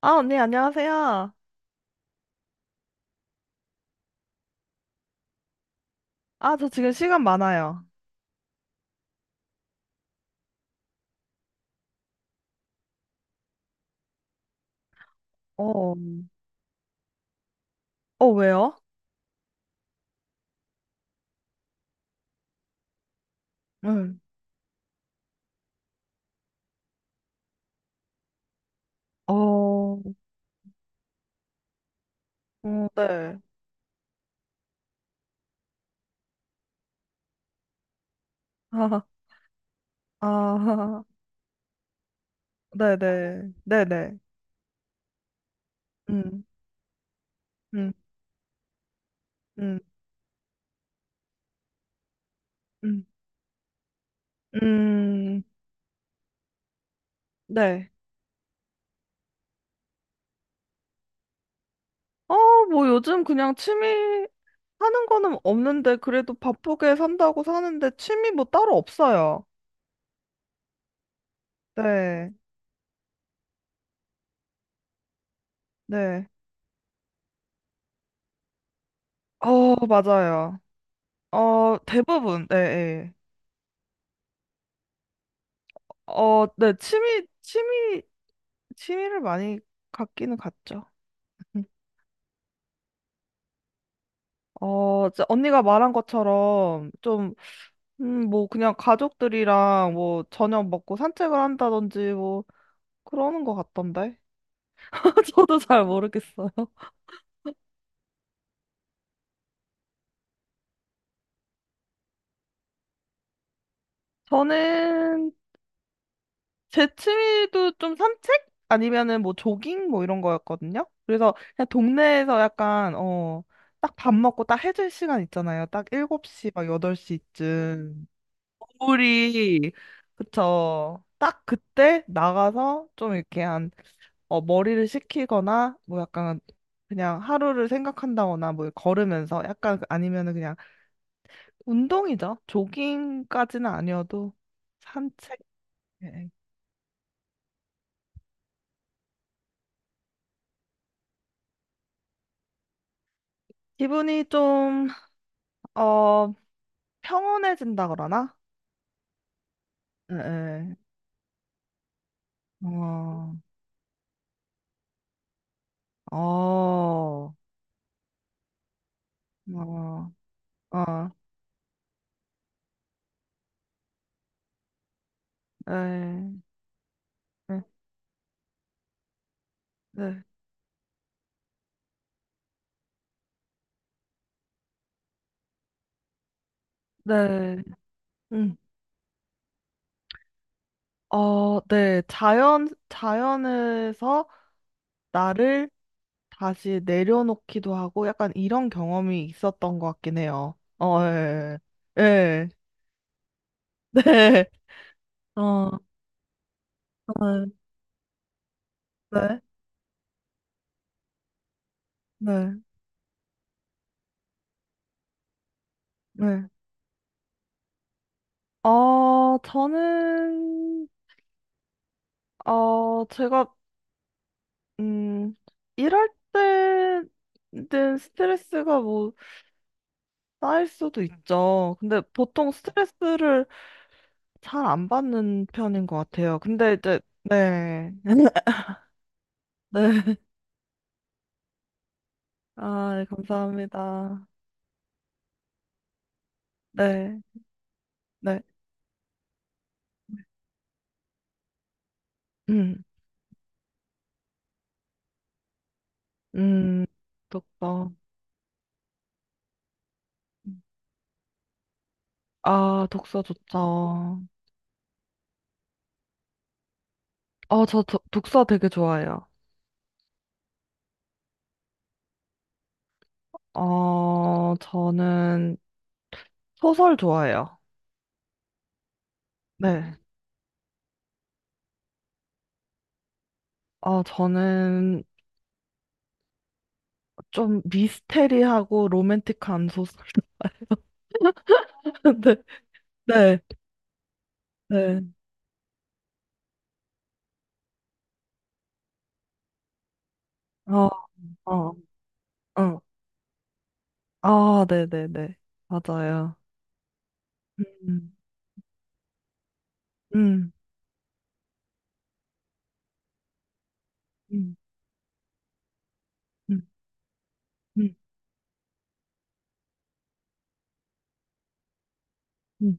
아, 언니, 안녕하세요. 아, 저 지금 시간 많아요. 어, 왜요? 응. 어, 어, 네. 아, 아, 네네. 네네. 음, 음, 음, 음, 음, 네. 어, 뭐 요즘 그냥 취미 하는 거는 없는데, 그래도 바쁘게 산다고 사는데, 취미 뭐 따로 없어요. 네, 네. 맞아요. 대부분, 네, 네. 네, 취미를 많이 갖기는 갖죠. 이제 언니가 말한 것처럼 좀, 뭐 그냥 가족들이랑 뭐 저녁 먹고 산책을 한다든지 뭐 그러는 것 같던데. 저도 잘 모르겠어요. 저는 제 취미도 좀 산책? 아니면은 뭐 조깅 뭐 이런 거였거든요. 그래서 그냥 동네에서 약간, 딱 밥 먹고 딱 해질 시간 있잖아요. 딱 7시 막 8시쯤. 우리 그쵸. 딱 그때 나가서 좀 이렇게 한 머리를 식히거나 뭐 약간 그냥 하루를 생각한다거나 뭐 걸으면서 약간 아니면은 그냥 운동이죠. 조깅까지는 아니어도 산책. 예. 기분이 좀, 어, 평온해진다 그러나? 예, 예. 어, 어, 어, 어, 예, 예, 네, 네. 응, 네. 자연에서 나를 다시 내려놓기도 하고 약간 이런 경험이 있었던 것 같긴 해요. 예. 예. 네. 어, 어, 네. 네. 네. 저는, 제가, 음, 일할 때는 스트레스가 뭐 쌓일 수도 있죠. 근데 보통 스트레스를 잘 안 받는 편인 것 같아요. 근데 이제, 네. 네. 아, 네, 감사합니다. 네. 네. 음, 음, 독서. 아, 독서 좋죠. 저 도, 독서 되게 좋아해요. 저는 소설 좋아해요. 네. 저는 좀 미스테리하고 로맨틱한 소설. 네. 네. 네. 어, 어, 어. 아, 네네네. 맞아요. 음. 음, 음, 음, 음, 음,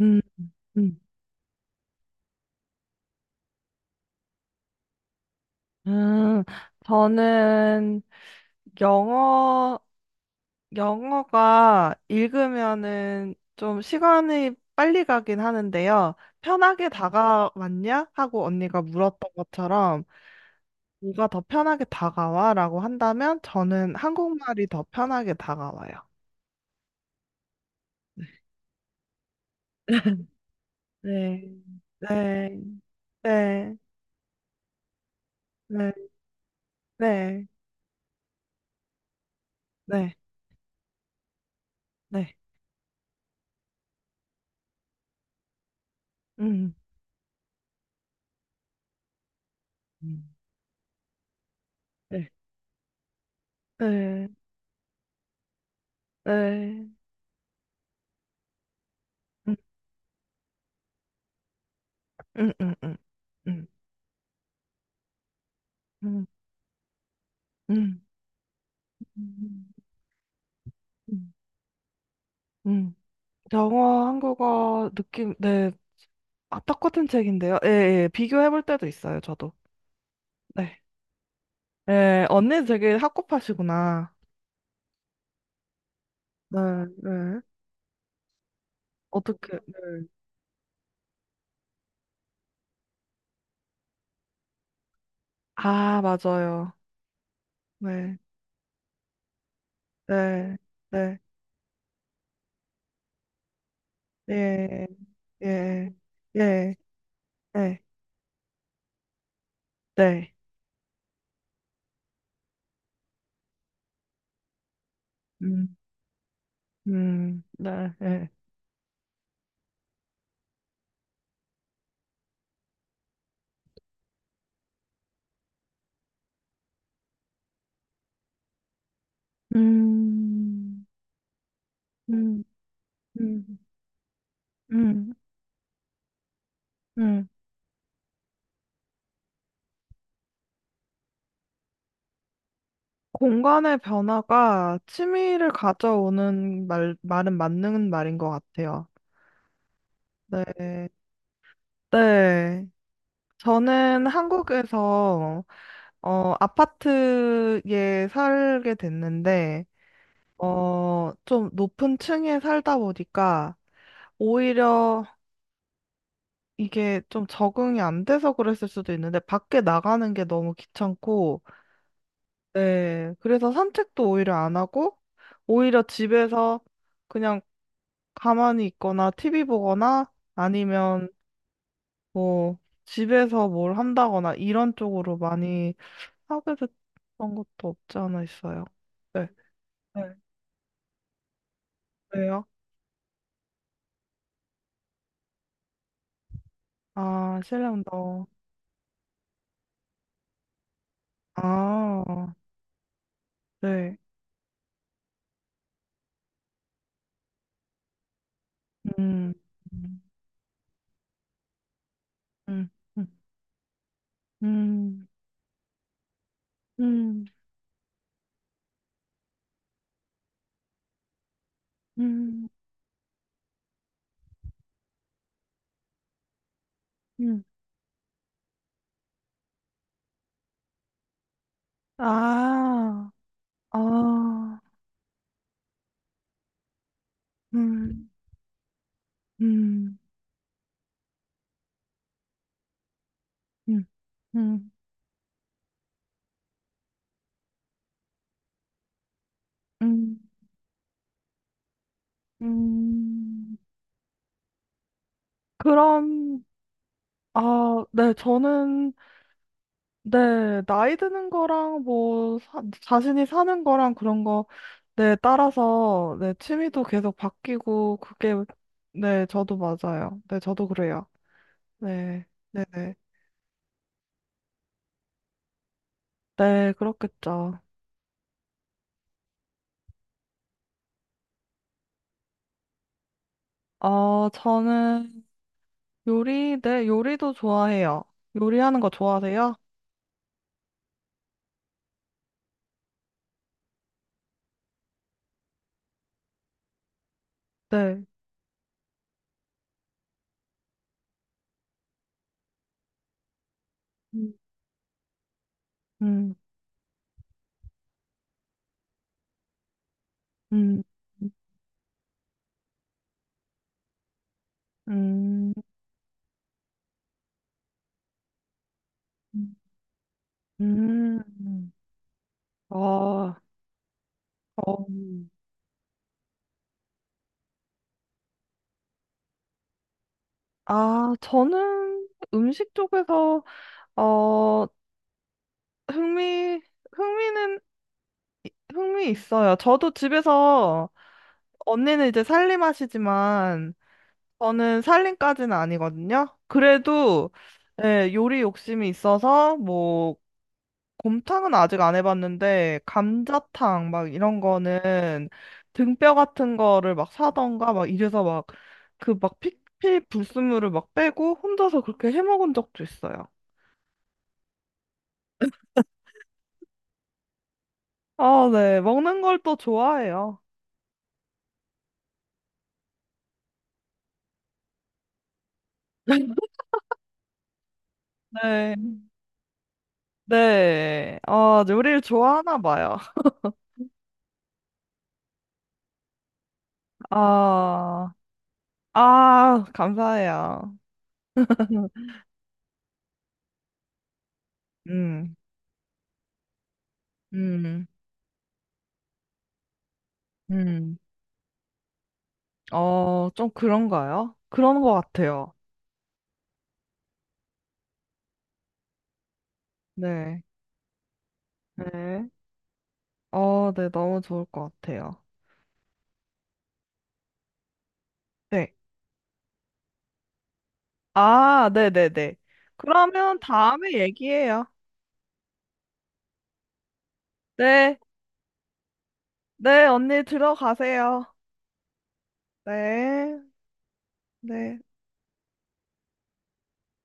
음, 음. 음, 저는 영어, 영어가 읽으면은 좀 시간이 빨리 가긴 하는데요. 편하게 다가왔냐? 하고 언니가 물었던 것처럼, 누가 더 편하게 다가와? 라고 한다면 저는 한국말이 더 편하게 다가와요. 네, 네, 네, 네, 네, 네, 네, 음, 음, 네, 네. 네. 음, 음, 음, 음, 음, 음, 음, 음, 음. 음. 영어, 한국어 느낌, 네. 아, 똑같은 책인데요. 예, 예. 비교해 볼 때도 있어요, 저도. 네. 예, 언니 되게 학구파시구나. 네, 네. 어떻게, 네. 아, 맞아요. 네, 네, 네. 예, 예, 예, 예, 네. 음, 네, 예. 음, 음, 음, 음. 음. 공간의 변화가 취미를 가져오는 말은 맞는 말인 것 같아요. 네. 네. 저는 한국에서, 아파트에 살게 됐는데, 좀 높은 층에 살다 보니까, 오히려 이게 좀 적응이 안 돼서 그랬을 수도 있는데, 밖에 나가는 게 너무 귀찮고, 네. 그래서 산책도 오히려 안 하고, 오히려 집에서 그냥 가만히 있거나 티비 보거나 아니면 뭐 집에서 뭘 한다거나 이런 쪽으로 많이 하게 됐던 것도 없지 않아 있어요. 네. 네. 왜요? 아, 실내 운동. 아, 네. 음. 음. 음. 음. 음. 음. 음. 아. 아. 음. 음. 음. 음. 음. 음. 그럼 아, 네, 저는, 네, 나이 드는 거랑 뭐, 자신이 사는 거랑 그런 거, 네, 따라서, 네, 취미도 계속 바뀌고, 그게, 네, 저도 맞아요. 네, 저도 그래요. 네, 네네. 네, 네, 그렇겠죠. 저는 요리, 네, 요리도 좋아해요. 요리하는 거 좋아하세요? 네. 음, 음, 음, 음, 음, 음. 아, 어. 아, 저는 음식 쪽에서, 어, 흥미, 흥미는, 흥미 있어요. 저도 집에서, 언니는 이제 살림하시지만, 저는 살림까지는 아니거든요. 그래도, 예, 요리 욕심이 있어서, 뭐, 곰탕은 아직 안 해봤는데, 감자탕, 막 이런 거는, 등뼈 같은 거를 막 사던가, 막 이래서 막, 그 막 피피 불순물을 막 빼고, 혼자서 그렇게 해 먹은 적도 있어요. 아, 네. 먹는 걸 또 좋아해요. 네. 네. 아, 요리를 좋아하나 봐요. 아, 아, 감사해요. 음, 음, 음. 좀 그런가요? 그런 것 같아요. 네. 네. 네. 너무 좋을 것 같아요. 네. 아, 네네네. 그러면 다음에 얘기해요. 네. 네. 언니 들어가세요. 네. 네.